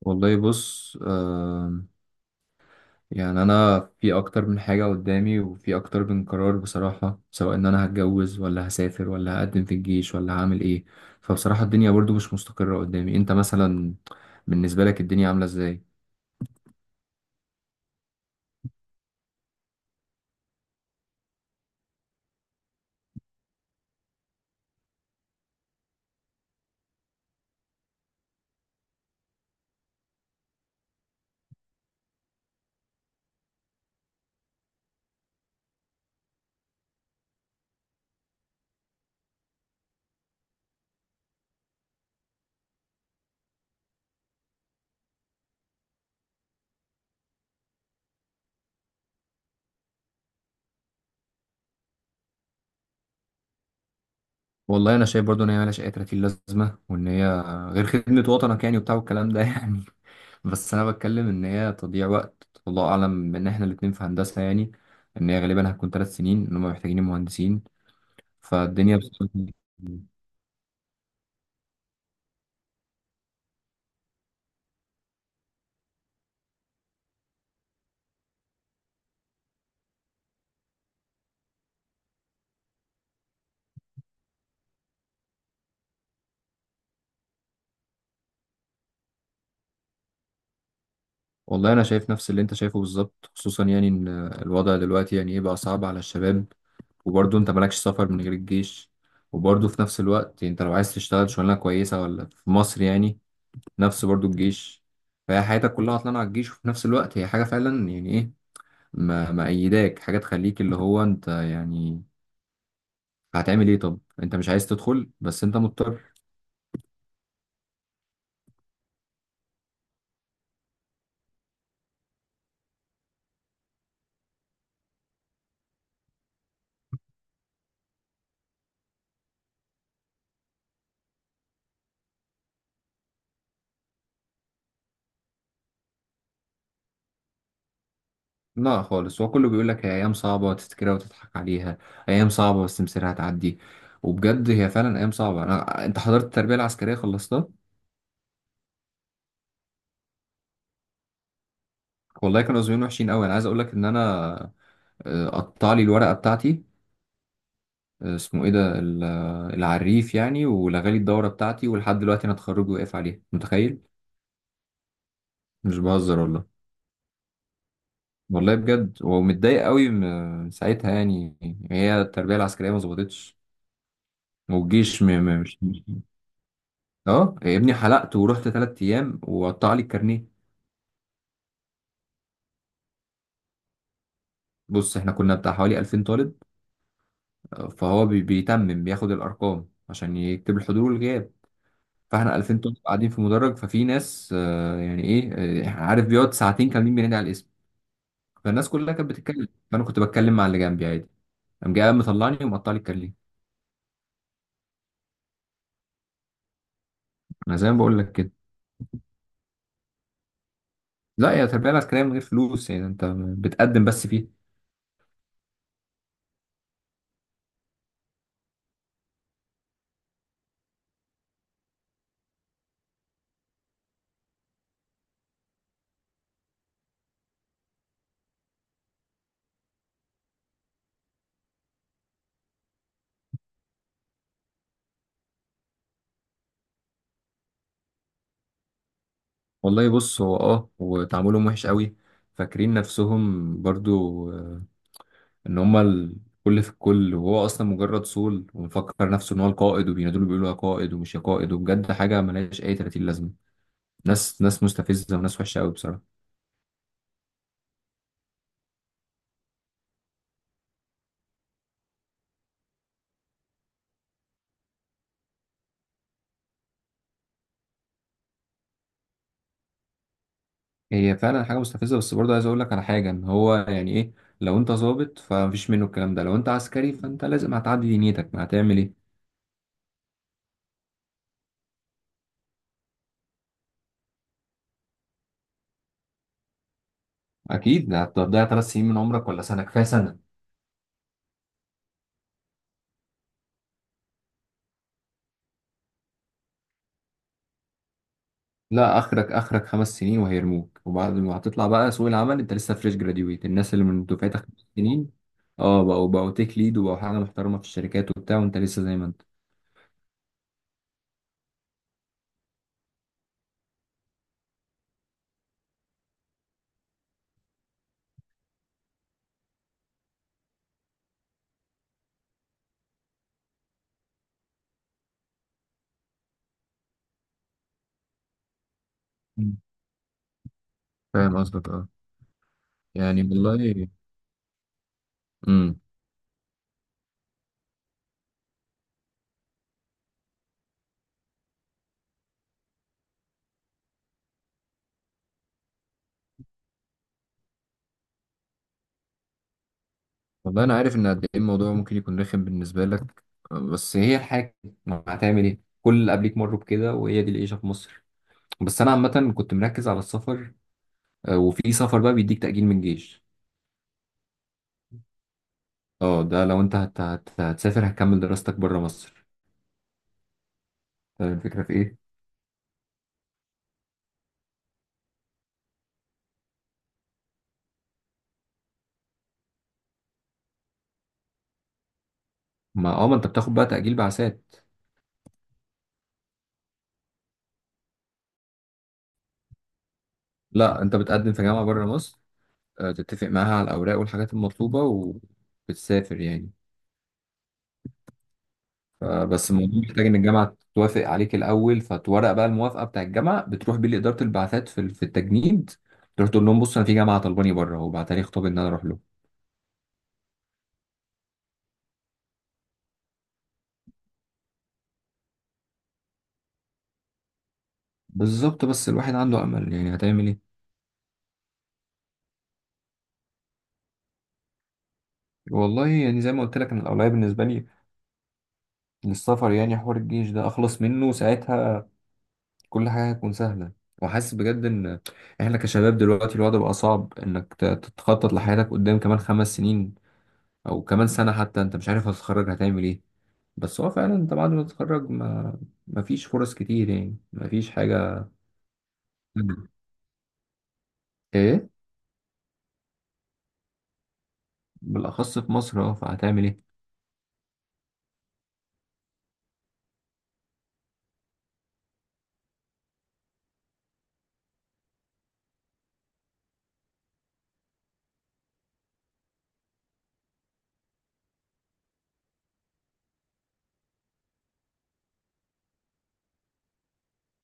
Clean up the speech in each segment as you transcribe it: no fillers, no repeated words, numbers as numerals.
والله بص، أنا في أكتر من حاجة قدامي وفي أكتر من قرار بصراحة، سواء إن أنا هتجوز ولا هسافر ولا هقدم في الجيش ولا هعمل إيه. فبصراحة الدنيا برضو مش مستقرة قدامي. أنت مثلا بالنسبة لك الدنيا عاملة إزاي؟ والله أنا شايف برضو إن هي ملهاش أي 30 لازمة، وإن هي غير خدمة وطنك يعني وبتاع والكلام ده يعني. بس أنا بتكلم إن هي تضييع وقت، الله أعلم، إن إحنا الاتنين في هندسة يعني إن هي غالبا هتكون ثلاث سنين، إن هم محتاجين مهندسين. فالدنيا بصراحة. والله انا شايف نفس اللي انت شايفه بالظبط، خصوصا يعني ان الوضع دلوقتي يعني ايه بقى صعب على الشباب، وبرضه انت مالكش سفر من غير الجيش، وبرضه في نفس الوقت انت لو عايز تشتغل شغلانه كويسه ولا في مصر يعني نفس برضه الجيش. فهي حياتك كلها عطلانه على الجيش، وفي نفس الوقت هي حاجه فعلا يعني ايه، ما مأيداك حاجه تخليك اللي هو انت يعني هتعمل ايه. طب انت مش عايز تدخل بس انت مضطر. لا خالص، هو كله بيقول لك هي ايام صعبه وتفتكرها وتضحك عليها. ايام صعبه بس مصيرها هتعدي. وبجد هي فعلا ايام صعبه. انا انت حضرت التربيه العسكريه خلصتها. والله كانوا زمان وحشين قوي. انا عايز اقول لك ان انا قطع لي الورقه بتاعتي. اسمه ايه ده العريف يعني ولغالي الدوره بتاعتي، ولحد دلوقتي انا اتخرج واقف عليها متخيل. مش بهزر والله. والله بجد، ومتضايق قوي من ساعتها يعني. هي التربيه العسكريه ما ظبطتش، والجيش مش. اه يا ابني، حلقت ورحت تلات ايام وقطع لي الكارنيه. بص احنا كنا بتاع حوالي 2000 طالب. فهو بيتمم بياخد الارقام عشان يكتب الحضور والغياب. فاحنا 2000 طالب قاعدين في مدرج، ففي ناس يعني ايه، عارف، بيقعد ساعتين كاملين بينادي على الاسم. فالناس كلها كانت بتتكلم، فانا كنت بتكلم مع اللي جنبي عادي. قام جاي قام مطلعني ومقطع لي الكارنيه. انا زي ما بقول لك كده. لا يا تربيه العسكريه من غير فلوس، يعني انت بتقدم بس فيه. والله بص، هو اه، وتعاملهم وحش قوي. فاكرين نفسهم برضو ان هما الكل في الكل، وهو اصلا مجرد صول ومفكر نفسه ان هو القائد، وبينادوا بيقولوا يا قائد ومش يا قائد. وبجد حاجه ملهاش اي 30 لازمه. ناس مستفزه وناس وحشه قوي بصراحه. هي فعلا حاجه مستفزه، بس برضه عايز اقول لك على حاجه، ان هو يعني ايه لو انت ظابط فمفيش منه الكلام ده، لو انت عسكري فانت لازم هتعدي دنيتك، ما هتعمل ايه. اكيد هتضيع ثلاث سنين من عمرك، ولا سنه كفايه سنه. لا، اخرك اخرك خمس سنين وهيرموك، وبعد ما هتطلع بقى سوق العمل انت لسه فريش جراديويت، الناس اللي من دفعتك خمس سنين اه بقوا تيك ليد وبقوا حاجه محترمه في الشركات وبتاع، وانت لسه زي ما انت. مم. فاهم قصدك اه. يعني والله امم والله انا عارف ان قد ايه الموضوع ممكن يكون رخم بالنسبه لك، بس هي الحاجه، ما هتعمل ايه، كل اللي قبليك مروا بكده وهي دي العيشه في مصر. بس انا عامه كنت مركز على السفر. وفي سفر بقى بيديك تاجيل من الجيش. اه ده لو انت هتسافر هتكمل دراستك بره مصر. طيب الفكرة في إيه؟ ما أه ما أنت بتاخد بقى تأجيل بعثات. لا أنت بتقدم في جامعة بره مصر، تتفق معاها على الأوراق والحاجات المطلوبة وبتسافر يعني. بس الموضوع محتاج إن الجامعة توافق عليك الأول، فتورق بقى الموافقة بتاع الجامعة بتروح بيه لإدارة البعثات في في التجنيد. تروح تقول لهم بص أنا في جامعة طلباني بره وبعت لي خطاب إن أنا أروح له. بالظبط، بس الواحد عنده أمل، يعني هتعمل إيه؟ والله يعني زي ما قلت لك أنا الأولوية بالنسبة لي للسفر. يعني حوار الجيش ده أخلص منه ساعتها، كل حاجة هتكون سهلة. وحاسس بجد إن إحنا كشباب دلوقتي الوضع بقى صعب إنك تتخطط لحياتك قدام كمان خمس سنين أو كمان سنة حتى. أنت مش عارف هتتخرج هتعمل إيه، بس هو فعلا أنت بعد ما تتخرج ما مفيش فرص كتير يعني، مفيش حاجة. إيه. بالأخص في مصر أه، فهتعمل إيه.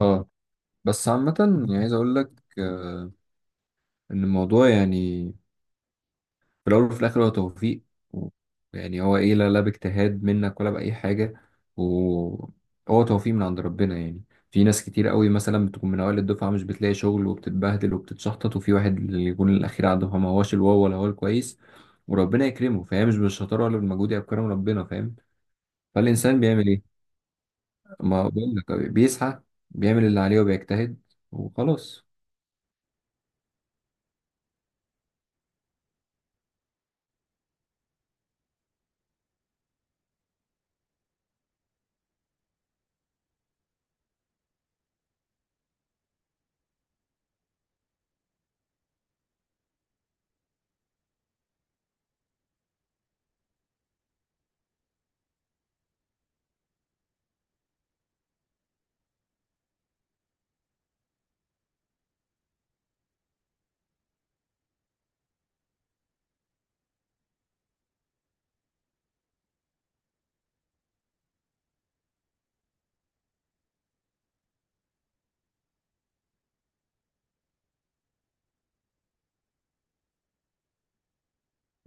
أه، بس عامة يعني عايز أقول لك آه، إن الموضوع يعني في الأول وفي الآخر هو توفيق، و- يعني هو إيه، لا باجتهاد منك ولا بأي حاجة، وهو توفيق من عند ربنا يعني. في ناس كتير قوي مثلا بتكون من أوائل الدفعة مش بتلاقي شغل وبتتبهدل وبتتشحطط، وفي واحد اللي يكون الأخير عنده ما هوش الواو ولا هو الكويس، وربنا يكرمه. فهي مش بالشطارة ولا بالمجهود، هي بكرم ربنا فاهم. فالإنسان بيعمل إيه؟ ما بقول لك بيسعى، بيعمل اللي عليه وبيجتهد وخلاص.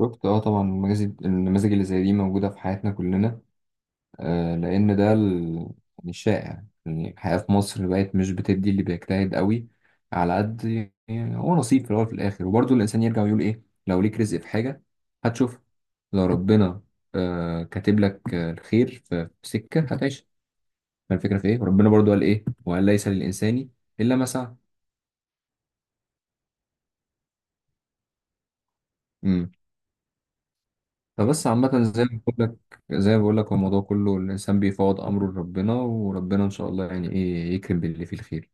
شفت اه، طبعا المزاج اللي زي دي موجودة في حياتنا كلنا. لأن ده يعني الشائع، يعني الحياة في مصر بقت مش بتدي اللي بيجتهد قوي على قد، يعني هو نصيب في الأول وفي الآخر. وبرضه الإنسان يرجع ويقول إيه، لو ليك رزق في حاجة هتشوف. لو ربنا كاتب لك الخير في في سكة هتعيش. فالفكرة في إيه، ربنا برضه قال إيه وقال ليس للإنسان إلا ما سعى. امم فبس عامة زي ما بقول لك، هو الموضوع كله الإنسان بيفوض أمره لربنا، وربنا إن شاء الله يعني إيه يكرم باللي فيه الخير.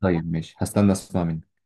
طيب ماشي، هستنى أسمع منك.